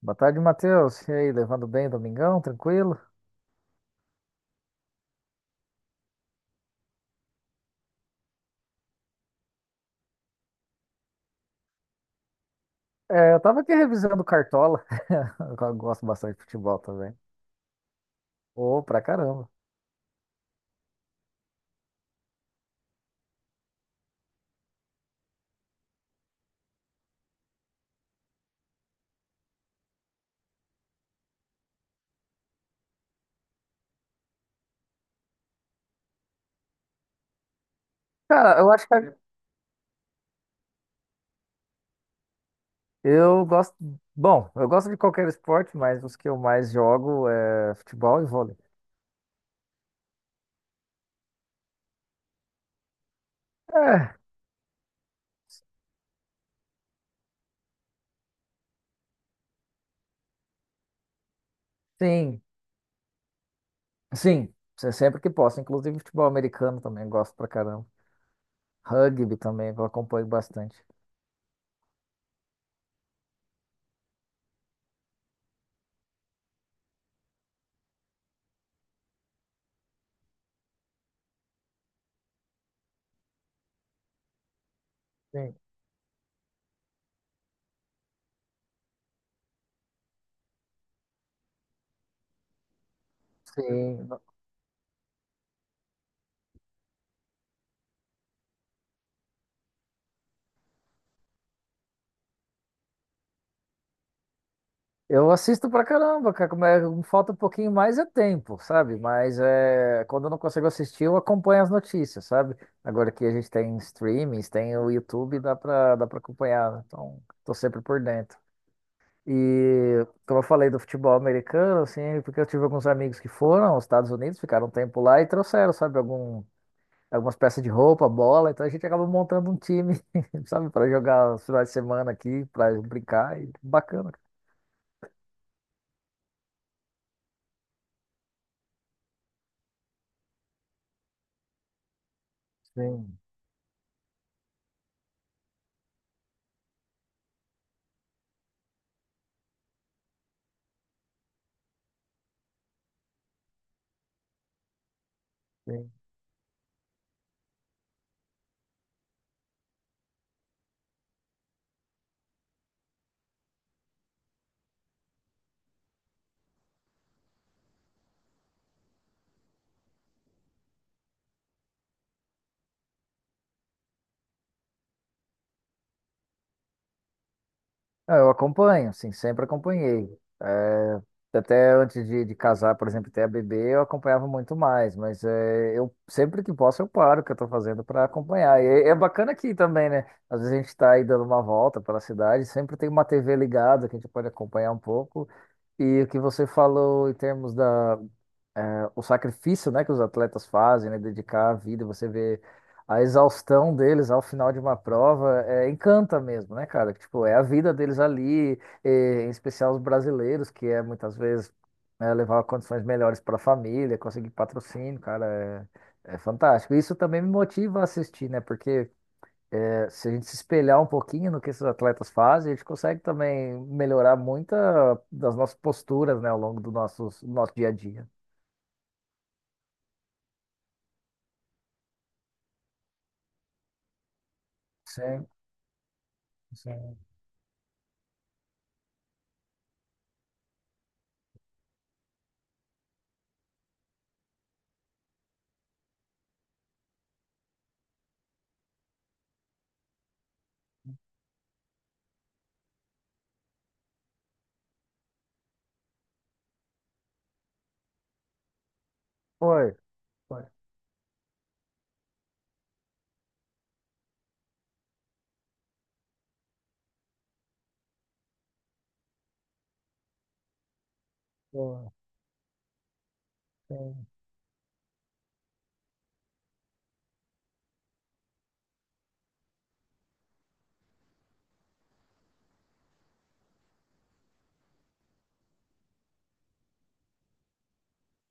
Boa tarde, Matheus. E aí, levando bem, o Domingão? Tranquilo? É, eu tava aqui revisando Cartola. Eu gosto bastante de futebol também. Ô, pra caramba. Cara, eu acho que eu gosto. Bom, eu gosto de qualquer esporte, mas os que eu mais jogo é futebol e vôlei. É, sim, sim. Sempre que posso. Inclusive futebol americano também eu gosto pra caramba. Rugby também eu acompanho bastante. Sim. Sim. Eu assisto pra caramba, cara. Como falta um pouquinho mais é tempo, sabe? Mas é, quando eu não consigo assistir, eu acompanho as notícias, sabe? Agora que a gente tem streamings, tem o YouTube, dá pra acompanhar, né? Então, tô sempre por dentro. E como eu falei do futebol americano, assim, porque eu tive alguns amigos que foram aos Estados Unidos, ficaram um tempo lá e trouxeram, sabe, algum, algumas peças de roupa, bola. Então a gente acaba montando um time, sabe, para jogar os finais de semana aqui, para brincar. E bacana, cara. Sim, sim. Ah, eu acompanho, sim, sempre acompanhei. É, até antes de casar, por exemplo, ter a bebê, eu acompanhava muito mais, mas é, eu sempre que posso eu paro o que eu estou fazendo para acompanhar. E é, é bacana aqui também, né? Às vezes a gente está aí dando uma volta pela cidade, sempre tem uma TV ligada que a gente pode acompanhar um pouco. E o que você falou em termos da, é, o sacrifício, né, que os atletas fazem, né, dedicar a vida, você vê a exaustão deles ao final de uma prova, é, encanta mesmo, né, cara? Tipo, é a vida deles ali, e, em especial os brasileiros, que é muitas vezes né, levar condições melhores para a família, conseguir patrocínio, cara, é, é fantástico. Isso também me motiva a assistir, né, porque é, se a gente se espelhar um pouquinho no que esses atletas fazem, a gente consegue também melhorar muita das nossas posturas, né, ao longo do nosso dia a dia. Sim. Sim. Foi. Foi. Pô, sim.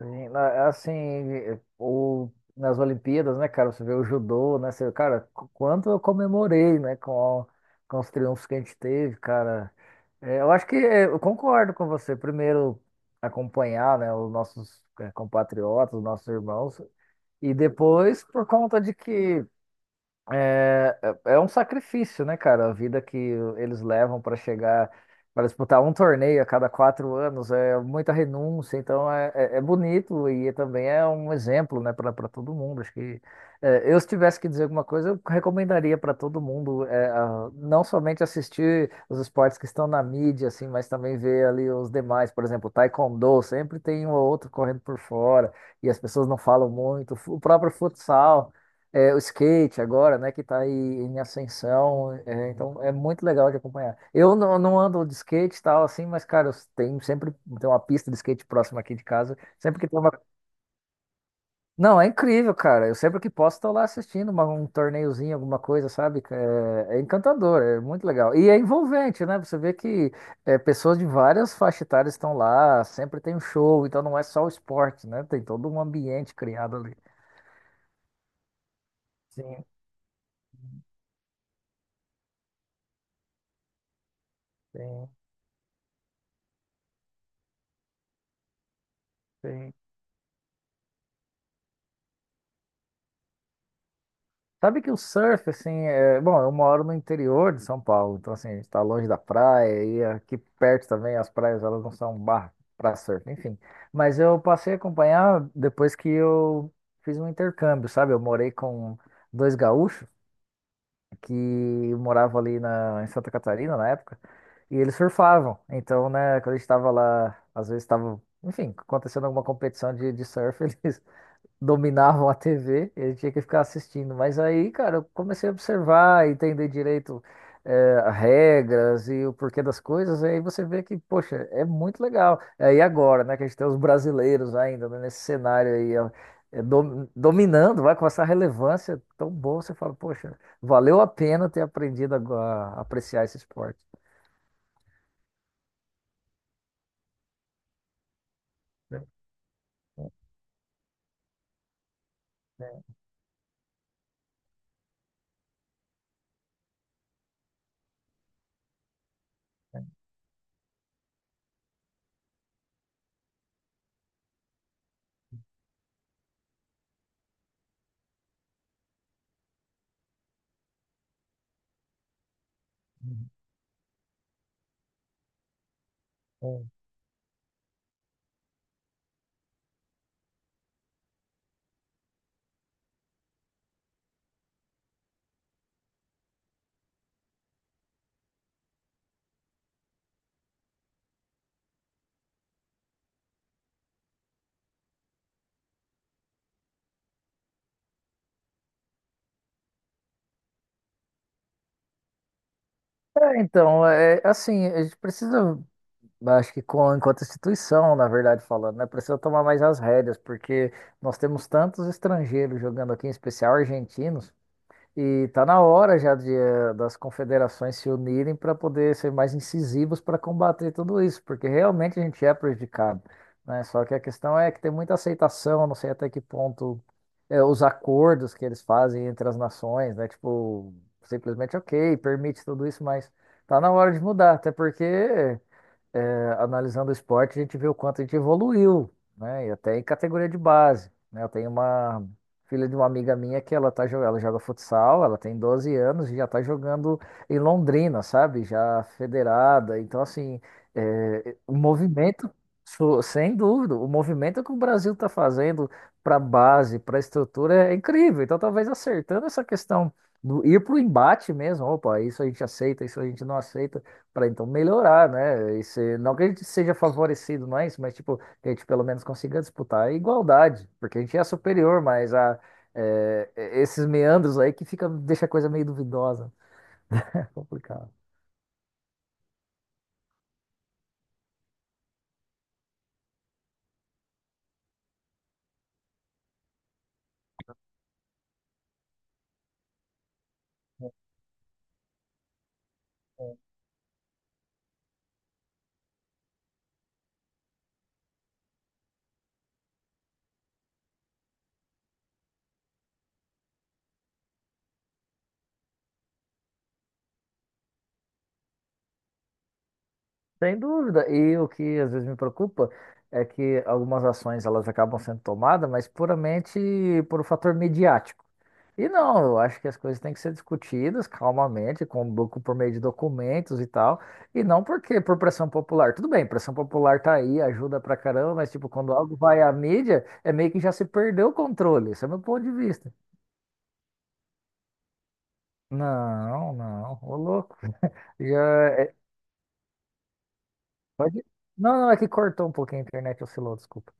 Sim, na- Assim, o, nas Olimpíadas, né, cara, você vê o judô, né, você, cara, quanto eu comemorei, né, com os triunfos que a gente teve, cara. É, eu acho que é, eu concordo com você, primeiro acompanhar, né, os nossos é, compatriotas, os nossos irmãos, e depois por conta de que é, é um sacrifício, né, cara? A vida que eles levam para chegar, para disputar um torneio a cada 4 anos, é muita renúncia. Então é, é bonito e também é um exemplo, né, para todo mundo. Acho que é, eu, se tivesse que dizer alguma coisa, eu recomendaria para todo mundo é, não somente assistir os esportes que estão na mídia, assim, mas também ver ali os demais. Por exemplo, Taekwondo, sempre tem um ou outro correndo por fora e as pessoas não falam muito. O próprio futsal. É, o skate agora, né, que tá aí em ascensão, é, então é muito legal de acompanhar. Eu não, não ando de skate e tal, assim, mas, cara, eu tenho sempre tem uma pista de skate próxima aqui de casa. Sempre que tem uma. Não, é incrível, cara. Eu sempre que posso tô lá assistindo um torneiozinho, alguma coisa, sabe? É, é encantador, é muito legal. E é envolvente, né? Você vê que é, pessoas de várias faixas etárias estão lá, sempre tem um show, então não é só o esporte, né? Tem todo um ambiente criado ali. Sim, sim, sim. Sabe que o surf, assim, é bom, eu moro no interior de São Paulo, então, assim, a gente tá longe da praia e aqui perto também as praias, elas não são um bar para surf, enfim. Mas eu passei a acompanhar depois que eu fiz um intercâmbio, sabe? Eu morei com dois gaúchos que moravam ali na em Santa Catarina na época e eles surfavam. Então, né, quando a gente tava lá, às vezes tava, enfim, acontecendo alguma competição de surf, eles dominavam a TV, ele tinha que ficar assistindo. Mas aí, cara, eu comecei a observar, entender direito, regras e o porquê das coisas, e aí você vê que, poxa, é muito legal. É, e agora, né, que a gente tem os brasileiros ainda, né, nesse cenário aí, ó, dominando, vai com essa relevância tão boa, você fala, poxa, valeu a pena ter aprendido a, a apreciar esse esporte. É, é, é. É, então, é, assim, a gente precisa. Acho que com, enquanto instituição, na verdade, falando, né? Precisa tomar mais as rédeas, porque nós temos tantos estrangeiros jogando aqui, em especial argentinos, e tá na hora já de, das confederações se unirem para poder ser mais incisivos para combater tudo isso, porque realmente a gente é prejudicado, né? Só que a questão é que tem muita aceitação, não sei até que ponto os acordos que eles fazem entre as nações, né? Tipo, simplesmente, ok, permite tudo isso, mas tá na hora de mudar, até porque é, analisando o esporte, a gente vê o quanto a gente evoluiu, né? E até em categoria de base, né? Eu tenho uma filha de uma amiga minha que ela tá, ela joga futsal, ela tem 12 anos e já tá jogando em Londrina, sabe? Já federada. Então, assim, é, o movimento, sem dúvida, o movimento que o Brasil tá fazendo para base, para estrutura é incrível. Então, talvez acertando essa questão do ir para o embate mesmo, opa, isso a gente aceita, isso a gente não aceita para então melhorar, né? E não que a gente seja favorecido, não é isso, mas tipo, que a gente pelo menos consiga disputar a igualdade, porque a gente é superior, mas a, é, esses meandros aí que fica, deixa a coisa meio duvidosa. É complicado. Sem dúvida. E o que às vezes me preocupa é que algumas ações elas acabam sendo tomadas, mas puramente por um fator midiático. E não, eu acho que as coisas têm que ser discutidas calmamente, com, por meio de documentos e tal, e não porque por pressão popular. Tudo bem, pressão popular tá aí, ajuda pra caramba, mas tipo, quando algo vai à mídia, é meio que já se perdeu o controle. Esse é meu ponto de vista. Não, não, ô louco. Já é- pode- Não, não, é que cortou um pouquinho a internet, oscilou, desculpa.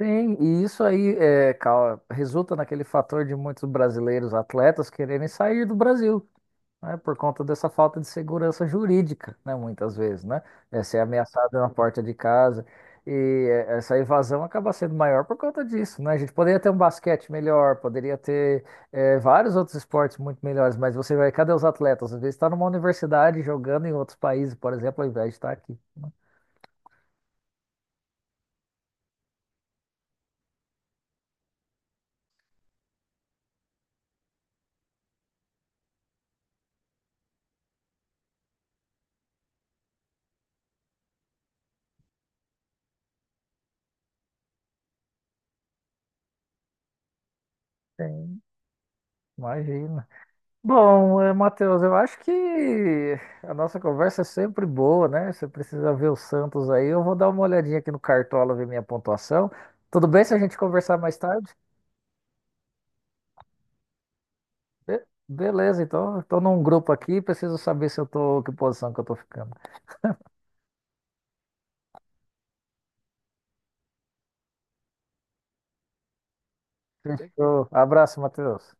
Sim, e isso aí é, resulta naquele fator de muitos brasileiros atletas quererem sair do Brasil, né, por conta dessa falta de segurança jurídica, né, muitas vezes, né? É ser ameaçado na porta de casa e essa evasão acaba sendo maior por conta disso, né? A gente poderia ter um basquete melhor, poderia ter vários outros esportes muito melhores, mas você vai, cadê os atletas? Às vezes está numa universidade jogando em outros países, por exemplo, ao invés de estar aqui, né. Tem, imagina. Bom, Matheus, eu acho que a nossa conversa é sempre boa, né? Você precisa ver o Santos aí. Eu vou dar uma olhadinha aqui no Cartola, ver minha pontuação. Tudo bem se a gente conversar mais tarde? Beleza, então. Estou num grupo aqui, preciso saber se eu tô, que posição que eu tô ficando. Fechou. Abraço, Matheus.